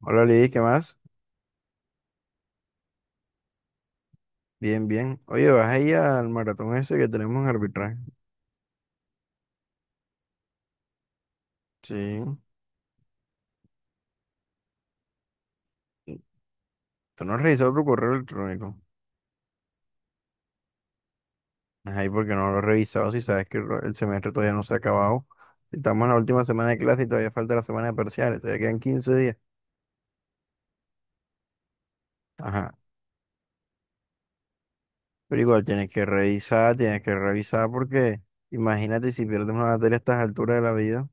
Hola Lidis, ¿qué más? Bien, bien. Oye, vas ahí al maratón ese que tenemos en arbitraje. Sí. ¿Tú no has revisado tu correo electrónico? Ahí porque no lo he revisado, si sabes que el semestre todavía no se ha acabado. Si estamos en la última semana de clase y todavía falta la semana de parciales, todavía quedan 15 días. Ajá. Pero igual tienes que revisar porque imagínate si pierdes una materia a estas alturas de la vida.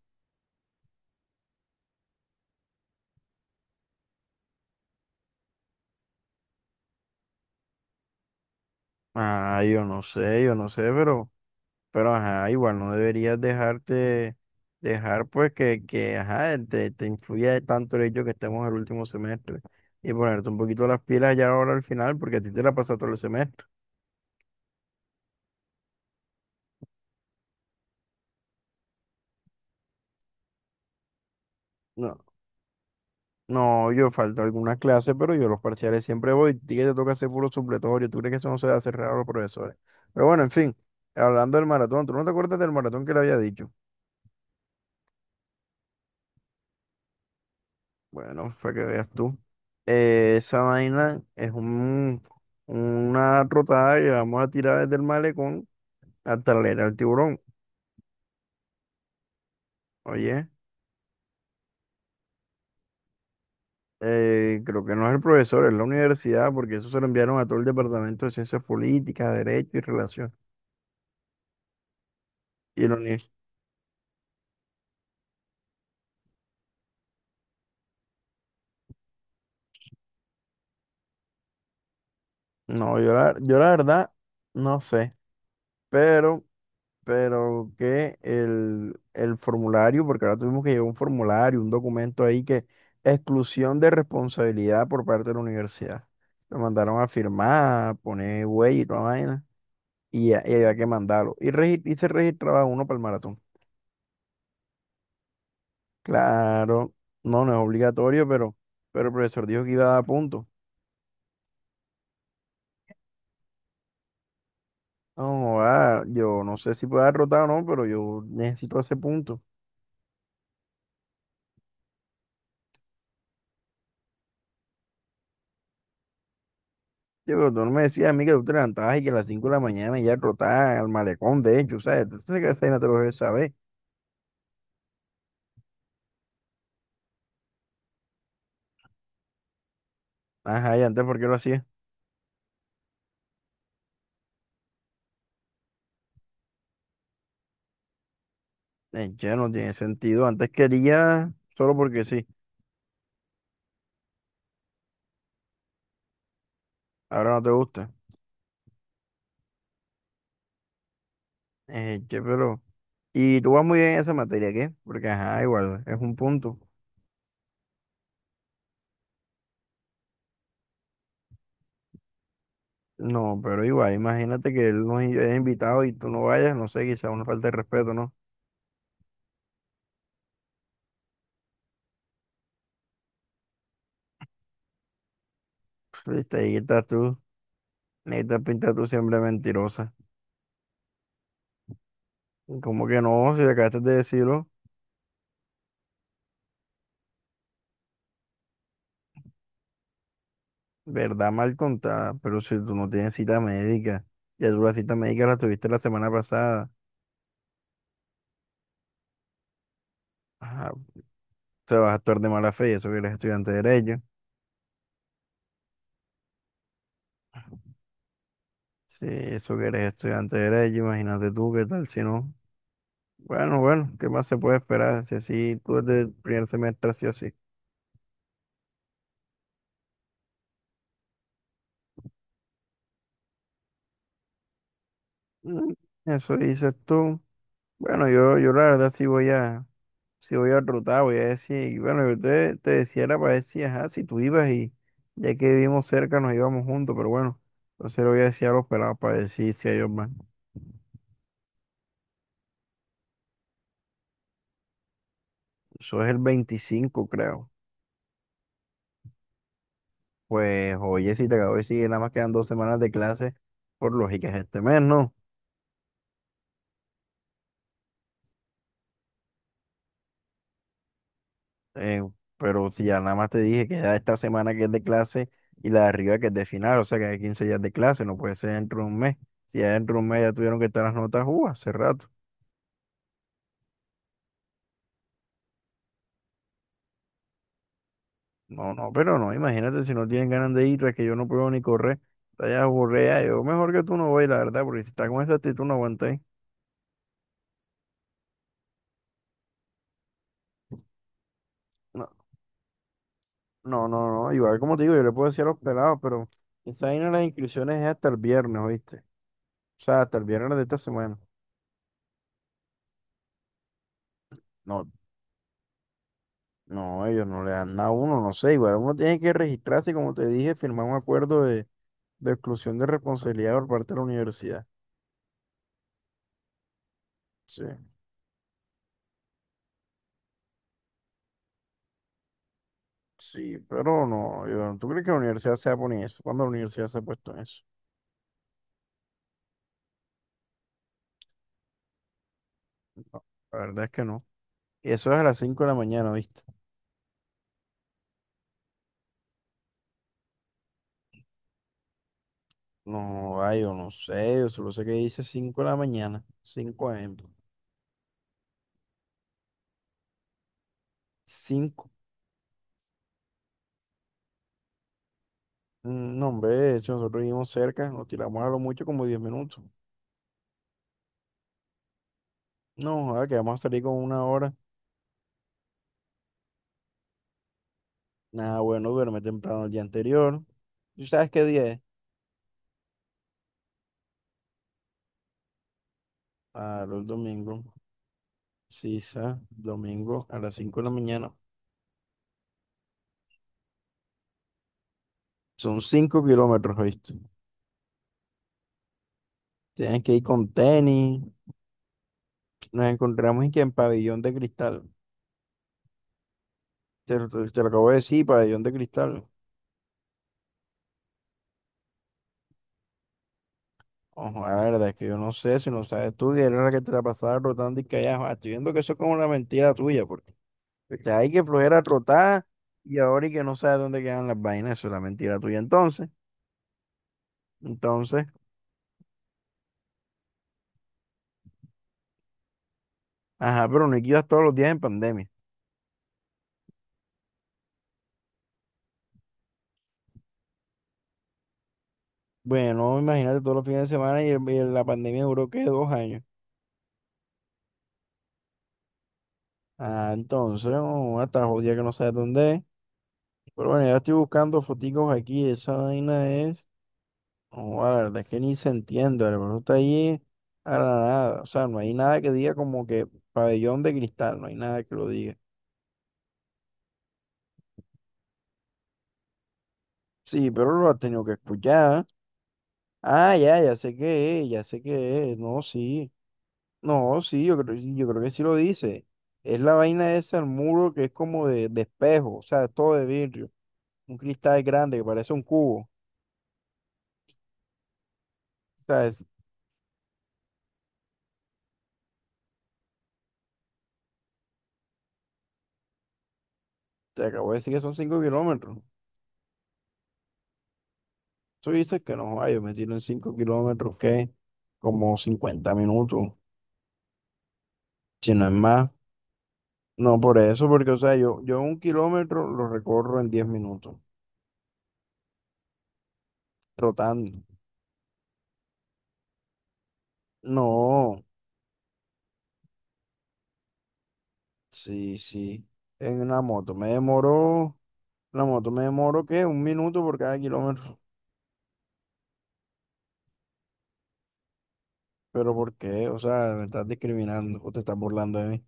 Ah, yo no sé, pero ajá, igual no deberías dejarte, dejar pues que ajá, te influya tanto el hecho que estemos en el último semestre y ponerte un poquito las pilas ya ahora al final porque a ti te la pasa todo el semestre. No, no, yo falto algunas clases, pero yo los parciales siempre voy, ti que te toca hacer puro supletorio, tú crees que eso no se va a cerrar a los profesores. Pero bueno, en fin, hablando del maratón, ¿tú no te acuerdas del maratón que le había dicho? Bueno, para que veas tú. Esa vaina es una rotada que vamos a tirar desde el malecón hasta la era del tiburón. Oye, creo que no es el profesor, es la universidad, porque eso se lo enviaron a todo el departamento de ciencias políticas, derecho y relación. Y la uni- no, yo la verdad no sé, pero pero que el formulario, porque ahora tuvimos que llevar un formulario, un documento ahí que exclusión de responsabilidad por parte de la universidad. Lo mandaron a firmar, poner huella y toda la vaina, y había que mandarlo. Y se registraba uno para el maratón. Claro, no, no es obligatorio, pero el profesor dijo que iba a dar puntos. No, yo no sé si puedo dar rotado o no, pero yo necesito ese punto. Yo, pero tú no me decías a mí que tú te levantabas y que a las 5 de la mañana ya trotabas al malecón, de hecho, ¿sabes? Entonces, que esa vaina te lo debes saber. Ajá, y antes, ¿por qué lo hacías? Ya no tiene sentido. Antes quería solo porque sí, ahora no te gusta. Che, pero. Y tú vas muy bien en esa materia, ¿qué? Porque, ajá, igual, es un punto. No, pero igual, imagínate que él nos haya invitado y tú no vayas, no sé, quizá una falta de respeto, ¿no? Viste, ahí estás tú, ahí estás pinta tú siempre mentirosa. Como que no, si acabaste de decirlo. Verdad mal contada, pero si tú no tienes cita médica, ya tú la cita médica la tuviste la semana pasada, ajá, te vas a actuar de mala fe, y eso que eres estudiante de Derecho, si eso que eres estudiante de Derecho, imagínate tú qué tal si no. Bueno, bueno, ¿qué más se puede esperar? Si así tú desde el primer semestre, sí o sí. Mm. Eso dices tú. Bueno, yo la verdad si voy a rotar, voy a decir, bueno, yo te decía era para decir, ajá, si tú ibas y ya que vivimos cerca nos íbamos juntos, pero bueno, entonces le voy a decir a los pelados para decir si ellos van. Eso es el 25 creo. Pues oye, si te acabo de decir, nada más quedan 2 semanas de clase, por lógica es este mes, ¿no? Eh, pero si ya nada más te dije que ya esta semana que es de clase y la de arriba que es de final, o sea que hay 15 días de clase, no puede ser dentro de un mes. Si ya dentro de un mes ya tuvieron que estar las notas, hace rato. No, no, pero no, imagínate si no tienen ganas de ir, es que yo no puedo ni correr. Está ya aburrida, yo mejor que tú no voy, la verdad, porque si está con esa actitud no aguanté. No, no, no, no, igual como te digo, yo le puedo decir a los pelados, pero esa vaina de las inscripciones es hasta el viernes, ¿oíste? O sea, hasta el viernes de esta semana. No, no, ellos no le dan nada a uno, no sé, igual uno tiene que registrarse, y, como te dije, firmar un acuerdo de exclusión de responsabilidad por parte de la universidad. Sí, sí, pero no, yo, ¿tú crees que la universidad se va a poner eso? ¿Cuándo la universidad se ha puesto en eso? La verdad es que no. Y eso es a las 5 de la mañana, ¿viste? No, ay, yo no sé, yo solo sé que dice 5 de la mañana, 5 ejemplo. cinco No, hombre, de hecho, nosotros vivimos cerca, nos tiramos a lo mucho como 10 minutos. No, joder, que vamos a salir con una hora. Nada, bueno, duerme temprano el día anterior. ¿Tú sabes qué día es? Claro, el domingo. Sí, domingo a las 5 de la mañana. Son 5 kilómetros, ¿viste? Tienes que ir con tenis. Nos encontramos en Pabellón de Cristal. Te lo acabo de decir, Pabellón de Cristal. Ojo, la verdad es que yo no sé si no sabes tú que era la que te la pasaba rotando y callado. Estoy viendo que eso es como una mentira tuya, porque te hay que flojera rotar y ahora y que no sabes dónde quedan las vainas, eso es la mentira tuya. Entonces, ajá, pero no es que ibas todos los días en pandemia. Bueno, imagínate todos los fines de semana y la pandemia duró que 2 años. Ah, entonces, no, hasta jodida que no sabes dónde es. Pero bueno, ya estoy buscando foticos aquí, esa vaina es. No, la verdad es que ni se entiende, el aeropuerto está ahí a la nada. O sea, no hay nada que diga como que Pabellón de Cristal, no hay nada que lo diga. Sí, pero lo has tenido que escuchar. Ah, ya, ya sé qué es, ya sé qué es. No, sí. No, sí, yo creo que sí lo dice. Es la vaina esa, el muro que es como de espejo, o sea, es todo de vidrio. Un cristal grande que parece un cubo. O sea, te acabo de decir que son 5 kilómetros. Tú dices que no, ay, yo me tiro en 5 kilómetros, ¿qué? Como 50 minutos. Si no es más, no por eso, porque, o sea, yo 1 kilómetro lo recorro en 10 minutos, trotando. No, sí, sí, en la moto me demoró, la moto me demoró, ¿qué? 1 minuto por cada kilómetro. Pero ¿por qué? O sea, me estás discriminando o te estás burlando de mí.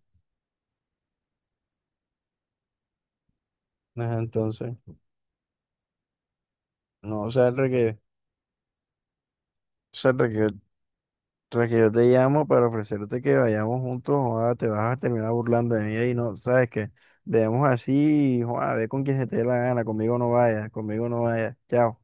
Ajá, entonces, no, o sea, el regué tras que yo te llamo para ofrecerte que vayamos juntos, joda, te vas a terminar burlando de mí y no, sabes que debemos así, joda, ve con quien se te dé la gana, conmigo no vayas, chao.